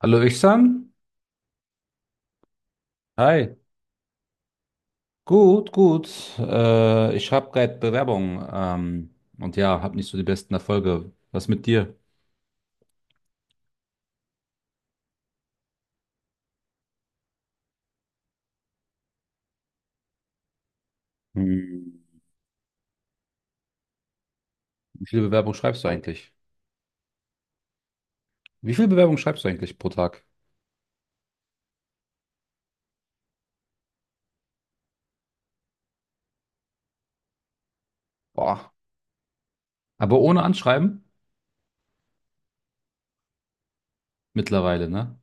Hallo Ihsan. Hi. Gut, gut. Ich habe gerade Bewerbung, und ja, habe nicht so die besten Erfolge. Was mit dir? Hm. Wie viele Bewerbungen schreibst du eigentlich? Wie viele Bewerbungen schreibst du eigentlich pro Tag? Boah. Aber ohne Anschreiben? Mittlerweile, ne?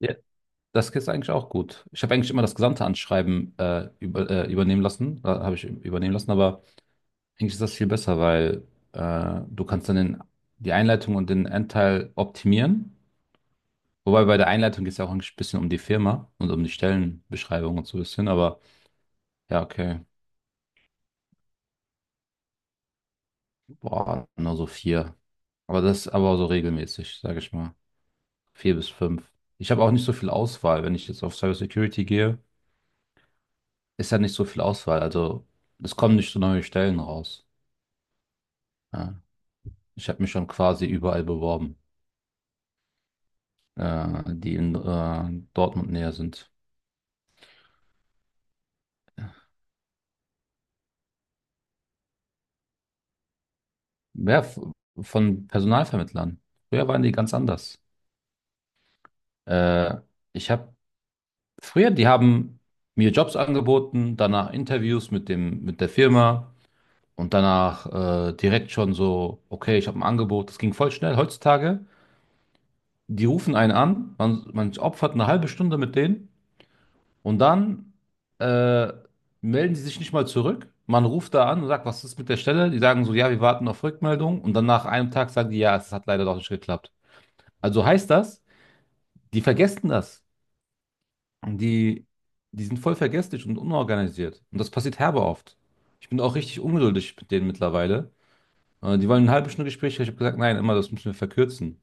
Ja. Das geht eigentlich auch gut. Ich habe eigentlich immer das gesamte Anschreiben übernehmen lassen, habe ich übernehmen lassen, aber eigentlich ist das viel besser, weil du kannst dann den, die Einleitung und den Endteil optimieren. Wobei bei der Einleitung geht es ja auch ein bisschen um die Firma und um die Stellenbeschreibung und so ein bisschen, aber ja, okay. Boah, nur so vier. Aber das aber so regelmäßig, sage ich mal. Vier bis fünf. Ich habe auch nicht so viel Auswahl. Wenn ich jetzt auf Cybersecurity gehe, ist ja nicht so viel Auswahl. Also es kommen nicht so neue Stellen raus. Ja. Ich habe mich schon quasi überall beworben, die in Dortmund näher sind. Ja, von Personalvermittlern. Früher waren die ganz anders. Äh, ich habe Früher, die haben mir Jobs angeboten, danach Interviews mit dem, mit der Firma und danach direkt schon so, okay, ich habe ein Angebot. Das ging voll schnell. Heutzutage, die rufen einen an, man opfert eine halbe Stunde mit denen und dann äh, melden die sich nicht mal zurück. Man ruft da an und sagt, was ist mit der Stelle? Die sagen so, ja, wir warten auf Rückmeldung und dann nach einem Tag sagen die, ja, es hat leider doch nicht geklappt. Also heißt das, die vergessen das. die, die sind voll vergesslich und unorganisiert. Und das passiert herbe oft. Ich bin auch richtig ungeduldig mit denen mittlerweile. Die wollen eine halbe Stunde Gespräch. Ich habe gesagt, nein, immer, das müssen wir verkürzen.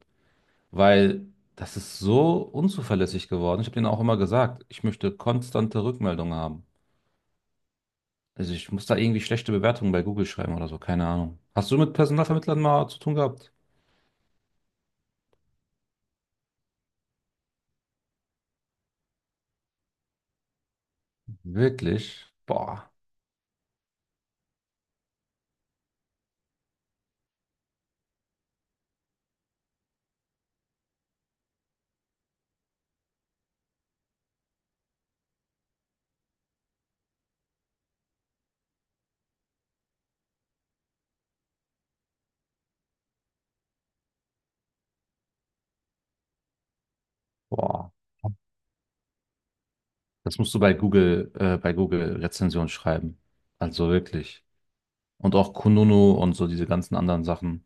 Weil das ist so unzuverlässig geworden. Ich habe denen auch immer gesagt, ich möchte konstante Rückmeldungen haben. Also ich muss da irgendwie schlechte Bewertungen bei Google schreiben oder so, keine Ahnung. Hast du mit Personalvermittlern mal zu tun gehabt? Wirklich? Boah. Das musst du bei Google Rezension schreiben. Also wirklich. Und auch Kununu und so diese ganzen anderen Sachen.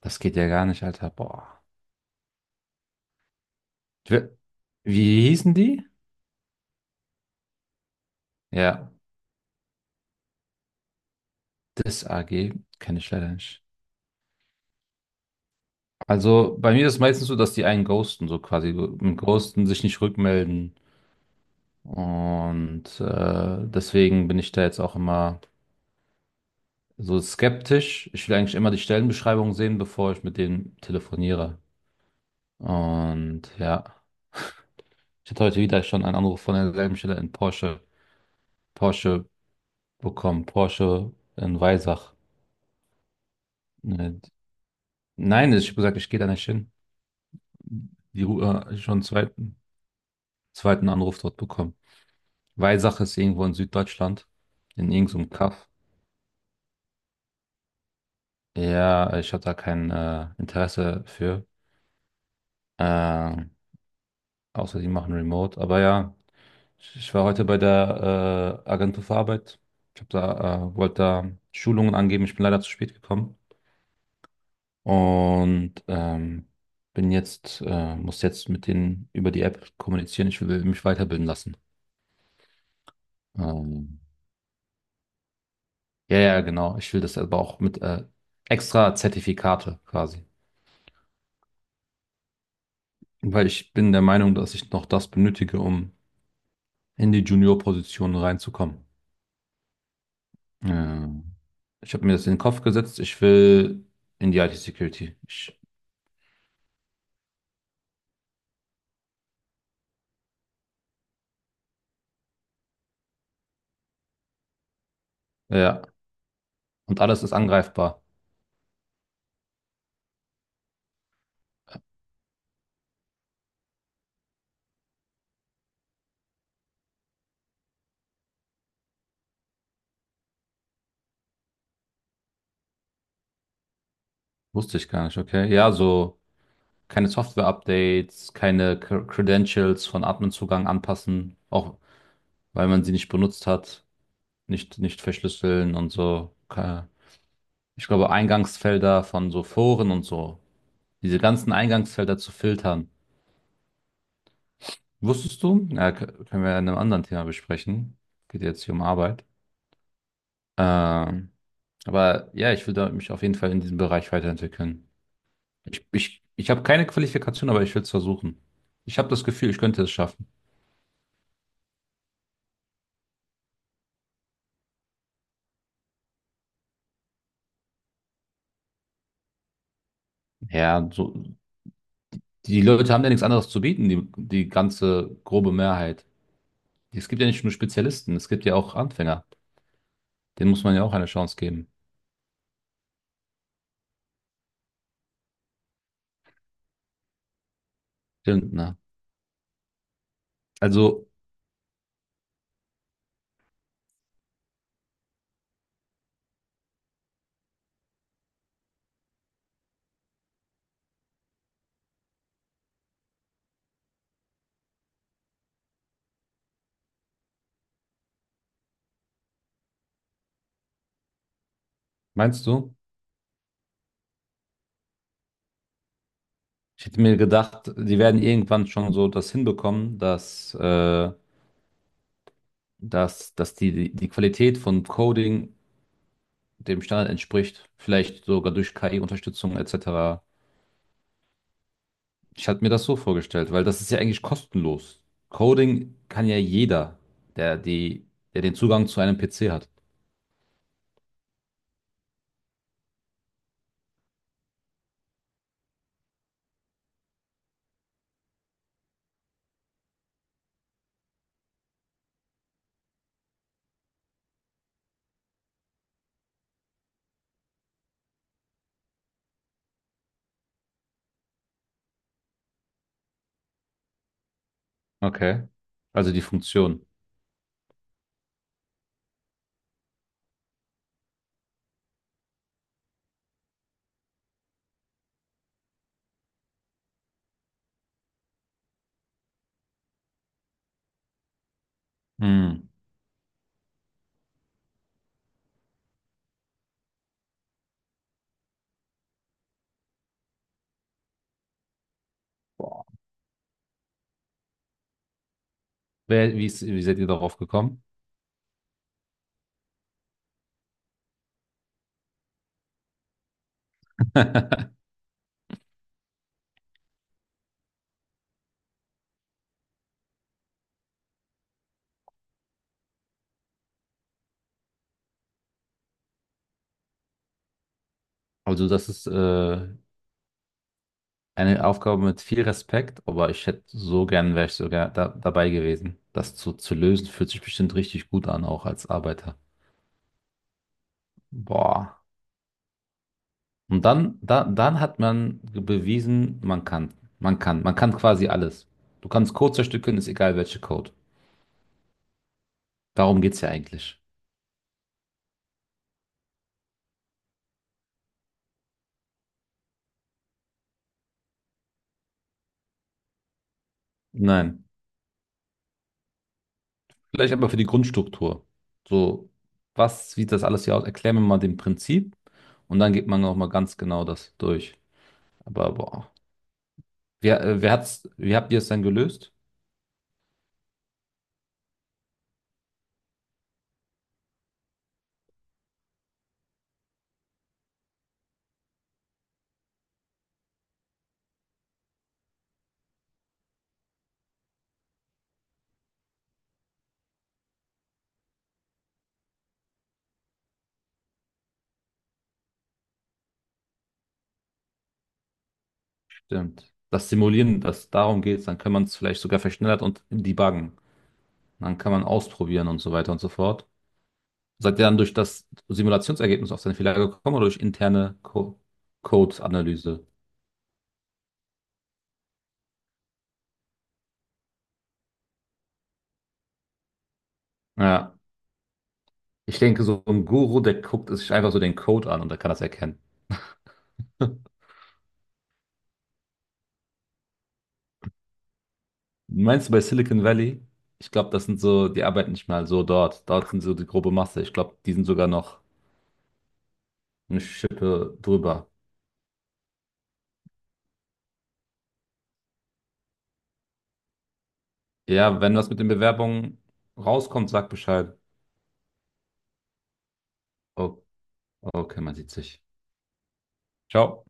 Das geht ja gar nicht, Alter. Boah. Ich will- Wie hießen die? Ja, das AG kenne ich leider nicht. Also bei mir ist es meistens so, dass die einen ghosten, so quasi mit Ghosten sich nicht rückmelden. Und deswegen bin ich da jetzt auch immer so skeptisch. Ich will eigentlich immer die Stellenbeschreibung sehen, bevor ich mit denen telefoniere. Und ja, ich hatte heute wieder schon einen Anruf von derselben Stelle in Porsche. Porsche bekommen, Porsche in Weisach. Äh, Nein, ich habe gesagt, ich gehe da nicht hin. Die, Ru- schon einen zweiten Anruf dort bekommen. Weisach ist irgendwo in Süddeutschland, in irgendeinem Kaff. Ja, ich habe da kein Interesse für. Äh, außer die machen Remote. Aber ja, ich war heute bei der Agentur für Arbeit. Ich hab da, wollte da Schulungen angeben. Ich bin leider zu spät gekommen. Und muss jetzt mit denen über die App kommunizieren. Ich will mich weiterbilden lassen. Ähm, ja, ja, genau. Ich will das aber auch mit extra Zertifikate quasi. Weil ich bin der Meinung, dass ich noch das benötige, um in die Junior-Position reinzukommen. Ähm, ich habe mir das in den Kopf gesetzt. Ich will in die IT-Security. Ich- Ja, und alles ist angreifbar. Wusste ich gar nicht, okay? Ja, so. Keine Software-Updates, keine Credentials von Admin-Zugang anpassen, auch weil man sie nicht benutzt hat, nicht verschlüsseln und so. Ich glaube, Eingangsfelder von so Foren und so, diese ganzen Eingangsfelder zu filtern. Wusstest du? Ja, können wir ja in einem anderen Thema besprechen. Geht jetzt hier um Arbeit. Ähm, aber ja, ich will da mich auf jeden Fall in diesem Bereich weiterentwickeln. Ich habe keine Qualifikation, aber ich will es versuchen. Ich habe das Gefühl, ich könnte es schaffen. Ja, so, die Leute haben ja nichts anderes zu bieten, die ganze grobe Mehrheit. Es gibt ja nicht nur Spezialisten, es gibt ja auch Anfänger. Denen muss man ja auch eine Chance geben. Stimmt, ne? Also, meinst du? Ich hätte mir gedacht, die werden irgendwann schon so das hinbekommen, dass die die Qualität von Coding dem Standard entspricht. Vielleicht sogar durch KI-Unterstützung etc. Ich hatte mir das so vorgestellt, weil das ist ja eigentlich kostenlos. Coding kann ja jeder, der, die, der den Zugang zu einem PC hat. Okay. Also die Funktion. Hm. Wie seid ihr darauf gekommen? Also das ist eine Aufgabe mit viel Respekt, aber ich hätte so gern, wäre ich sogar da, dabei gewesen. Zu lösen fühlt sich bestimmt richtig gut an, auch als Arbeiter. Boah. Und dann, dann hat man bewiesen, man kann. Man kann. Man kann quasi alles. Du kannst Code zerstückeln, ist egal welche Code. Darum geht's ja eigentlich. Nein. Vielleicht aber für die Grundstruktur. So, was sieht das alles hier aus? Erklär mir mal den Prinzip und dann geht man nochmal ganz genau das durch. Aber boah. Wer hat's, wie habt ihr es dann gelöst? Stimmt. Das darum geht, dann kann man es vielleicht sogar verschnellert und debuggen. Dann kann man ausprobieren und so weiter und so fort. Seid ihr dann durch das Simulationsergebnis auf seinen Fehler gekommen oder durch interne Co Code-Analyse? Ja, ich denke, so ein Guru, der guckt sich einfach so den Code an und der kann das erkennen. Meinst du bei Silicon Valley? Ich glaube, das sind so, die arbeiten nicht mal so dort. Dort sind so die grobe Masse. Ich glaube, die sind sogar noch eine Schippe drüber. Ja, wenn was mit den Bewerbungen rauskommt, sag Bescheid. Oh, okay, man sieht sich. Ciao.